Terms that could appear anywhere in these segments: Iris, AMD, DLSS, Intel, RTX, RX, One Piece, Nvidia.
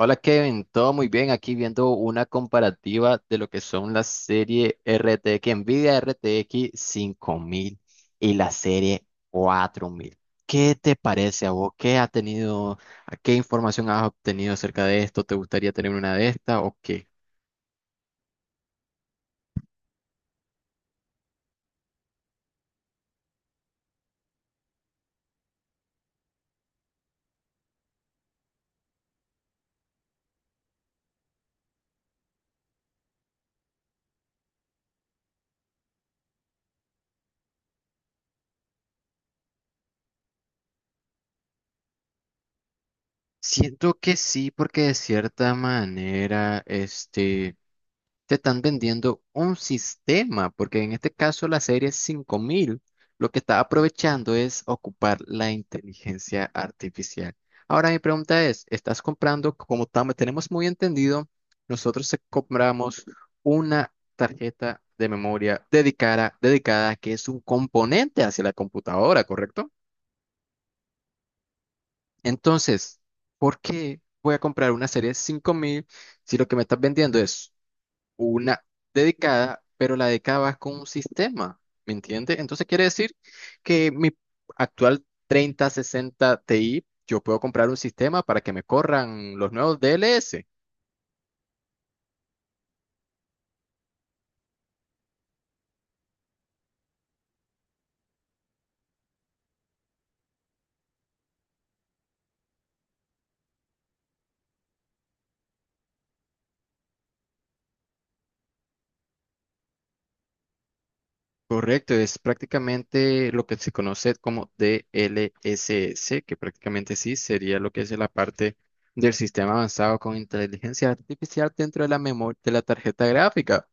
Hola Kevin, todo muy bien. Aquí viendo una comparativa de lo que son la serie RTX, Nvidia RTX mil y la serie 4000. ¿Qué te parece a vos? ¿Qué ha tenido, qué información has obtenido acerca de esto? ¿Te gustaría tener una de estas o qué? Siento que sí, porque de cierta manera, este, te están vendiendo un sistema, porque en este caso la serie 5000 lo que está aprovechando es ocupar la inteligencia artificial. Ahora mi pregunta es: ¿estás comprando, como tenemos muy entendido, nosotros compramos una tarjeta de memoria dedicada, dedicada, que es un componente hacia la computadora, correcto? Entonces, ¿por qué voy a comprar una serie de 5000 si lo que me estás vendiendo es una dedicada, pero la dedicada va con un sistema? ¿Me entiendes? Entonces quiere decir que mi actual treinta sesenta Ti, yo puedo comprar un sistema para que me corran los nuevos DLS. Correcto, es prácticamente lo que se conoce como DLSS, que prácticamente sí sería lo que es la parte del sistema avanzado con inteligencia artificial dentro de la memoria de la tarjeta gráfica.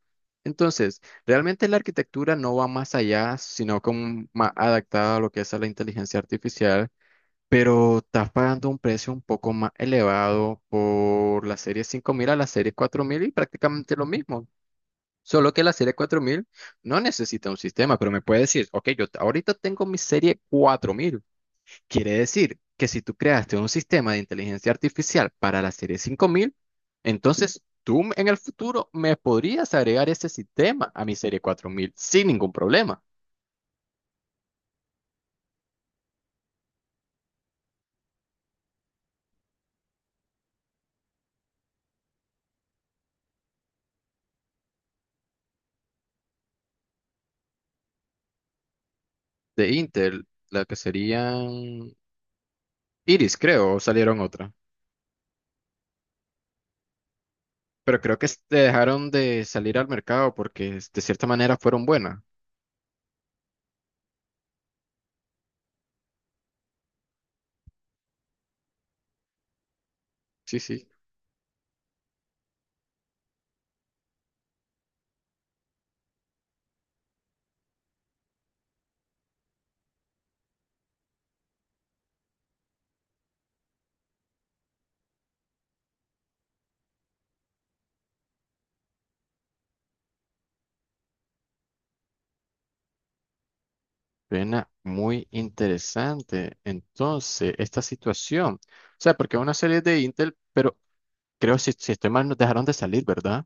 Entonces, realmente la arquitectura no va más allá, sino como más adaptada a lo que es a la inteligencia artificial, pero estás pagando un precio un poco más elevado por la serie 5000 a la serie 4000 y prácticamente lo mismo. Solo que la serie 4000 no necesita un sistema, pero me puede decir, ok, yo ahorita tengo mi serie 4000. Quiere decir que si tú creaste un sistema de inteligencia artificial para la serie 5000, entonces tú en el futuro me podrías agregar ese sistema a mi serie 4000 sin ningún problema. De Intel, la que serían Iris, creo, o salieron otra. Pero creo que dejaron de salir al mercado porque de cierta manera fueron buenas. Sí, sí. Suena muy interesante. Entonces, esta situación, o sea, porque una serie de Intel, pero creo si estoy mal, nos dejaron de salir, ¿verdad?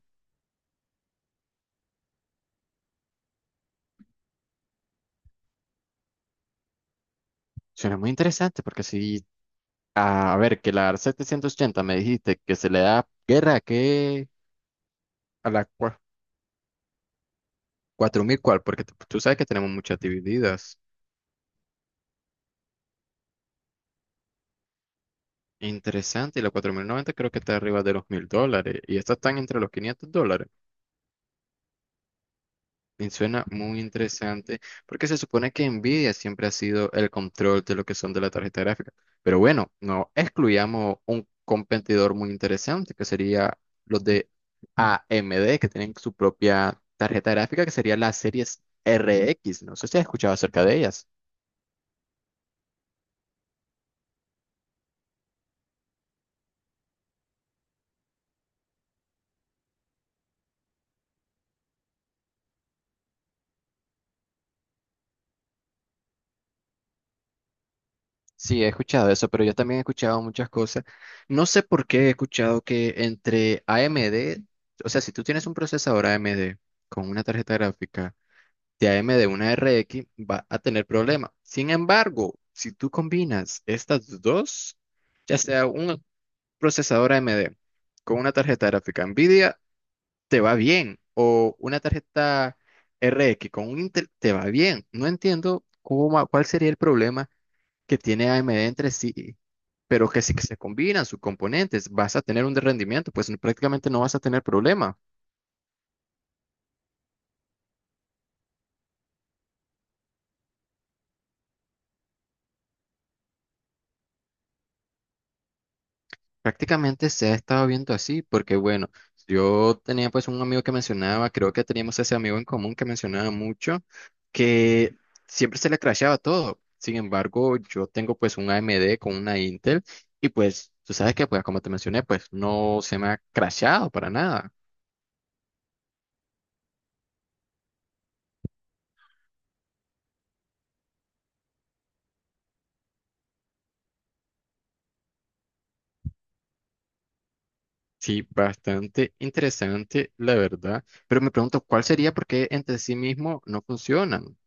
Suena muy interesante, porque si, a ver, que la 780 me dijiste que se le da guerra a la cuatro mil, ¿cuál? Porque tú sabes que tenemos muchas divididas. Interesante, y la 4090 creo que está arriba de los mil dólares, y estas están entre los 500 dólares. Me suena muy interesante porque se supone que Nvidia siempre ha sido el control de lo que son de la tarjeta gráfica. Pero bueno, no excluyamos un competidor muy interesante que sería los de AMD, que tienen su propia tarjeta gráfica que sería las series RX. No sé si has escuchado acerca de ellas. Sí, he escuchado eso, pero yo también he escuchado muchas cosas. No sé por qué he escuchado que entre AMD, o sea, si tú tienes un procesador AMD con una tarjeta gráfica de AMD, una RX, va a tener problema. Sin embargo, si tú combinas estas dos, ya sea un procesador AMD con una tarjeta gráfica NVIDIA, te va bien, o una tarjeta RX con un Intel, te va bien. No entiendo cómo, cuál sería el problema que tiene AMD entre sí. Pero que si que se combinan sus componentes, vas a tener un rendimiento, pues prácticamente no vas a tener problema. Prácticamente se ha estado viendo así, porque bueno, yo tenía pues un amigo que mencionaba, creo que teníamos ese amigo en común, que mencionaba mucho que siempre se le crashaba todo. Sin embargo, yo tengo pues un AMD con una Intel y pues tú sabes que, pues, como te mencioné, pues no se me ha crashado para nada. Sí, bastante interesante, la verdad. Pero me pregunto, ¿cuál sería, por qué entre sí mismo no funcionan?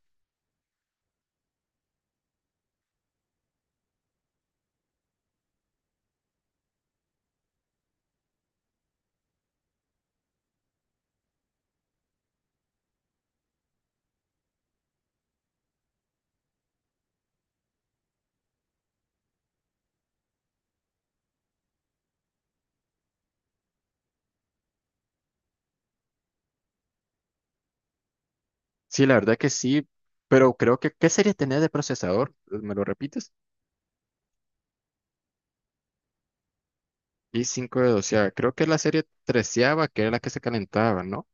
Sí, la verdad que sí, pero creo que, ¿qué sería tener de procesador? ¿Me lo repites? Y 5 de doceava. Creo que es la serie treceava, que era la que se calentaba, ¿no?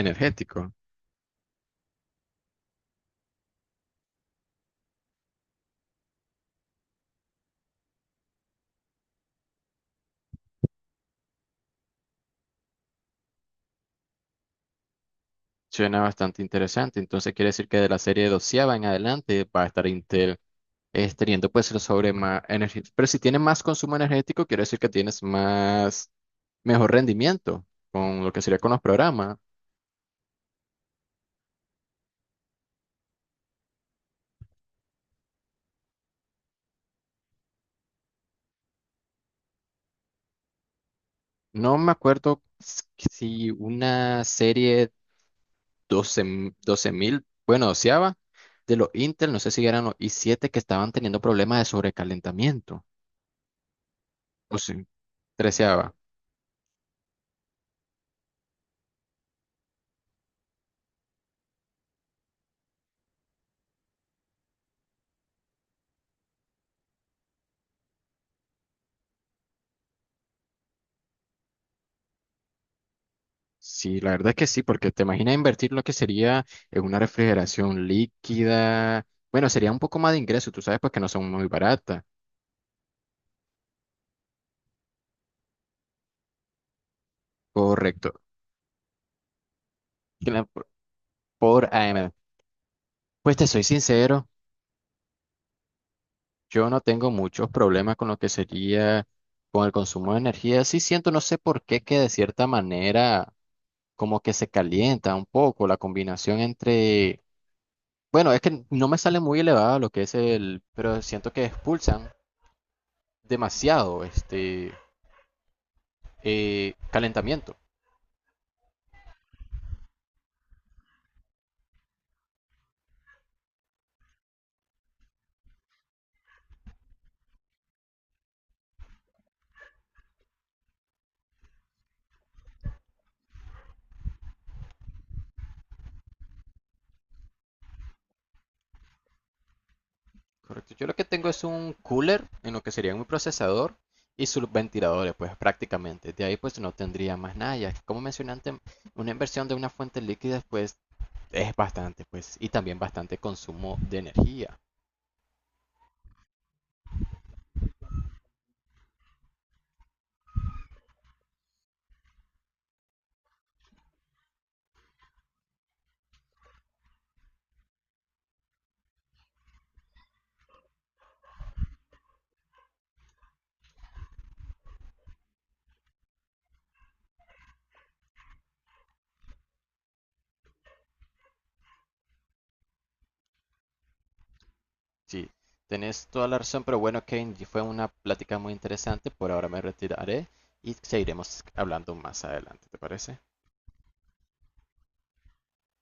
Energético. Suena bastante interesante. Entonces quiere decir que de la serie doceava en adelante va a estar Intel teniendo pues el sobre más energía. Pero si tiene más consumo energético, quiere decir que tienes más, mejor rendimiento con lo que sería con los programas. No me acuerdo si una serie doce mil, bueno, doceava, de los Intel, no sé si eran los i siete que estaban teniendo problemas de sobrecalentamiento. O sí, treceava. Sí, la verdad es que sí, porque te imaginas invertir lo que sería en una refrigeración líquida. Bueno, sería un poco más de ingreso, tú sabes, pues que no son muy baratas. Correcto. Claro, por AM. Pues te soy sincero, yo no tengo muchos problemas con lo que sería con el consumo de energía. Sí siento, no sé por qué, que de cierta manera como que se calienta un poco la combinación entre. Bueno, es que no me sale muy elevado lo que es el, pero siento que expulsan demasiado calentamiento. Correcto. Yo lo que tengo es un cooler en lo que sería mi procesador y sus ventiladores, pues prácticamente. De ahí pues no tendría más nada. Ya como mencioné antes, una inversión de una fuente líquida pues es bastante, pues, y también bastante consumo de energía. Sí, tenés toda la razón, pero bueno, Kane, fue una plática muy interesante. Por ahora me retiraré y seguiremos hablando más adelante, ¿te parece?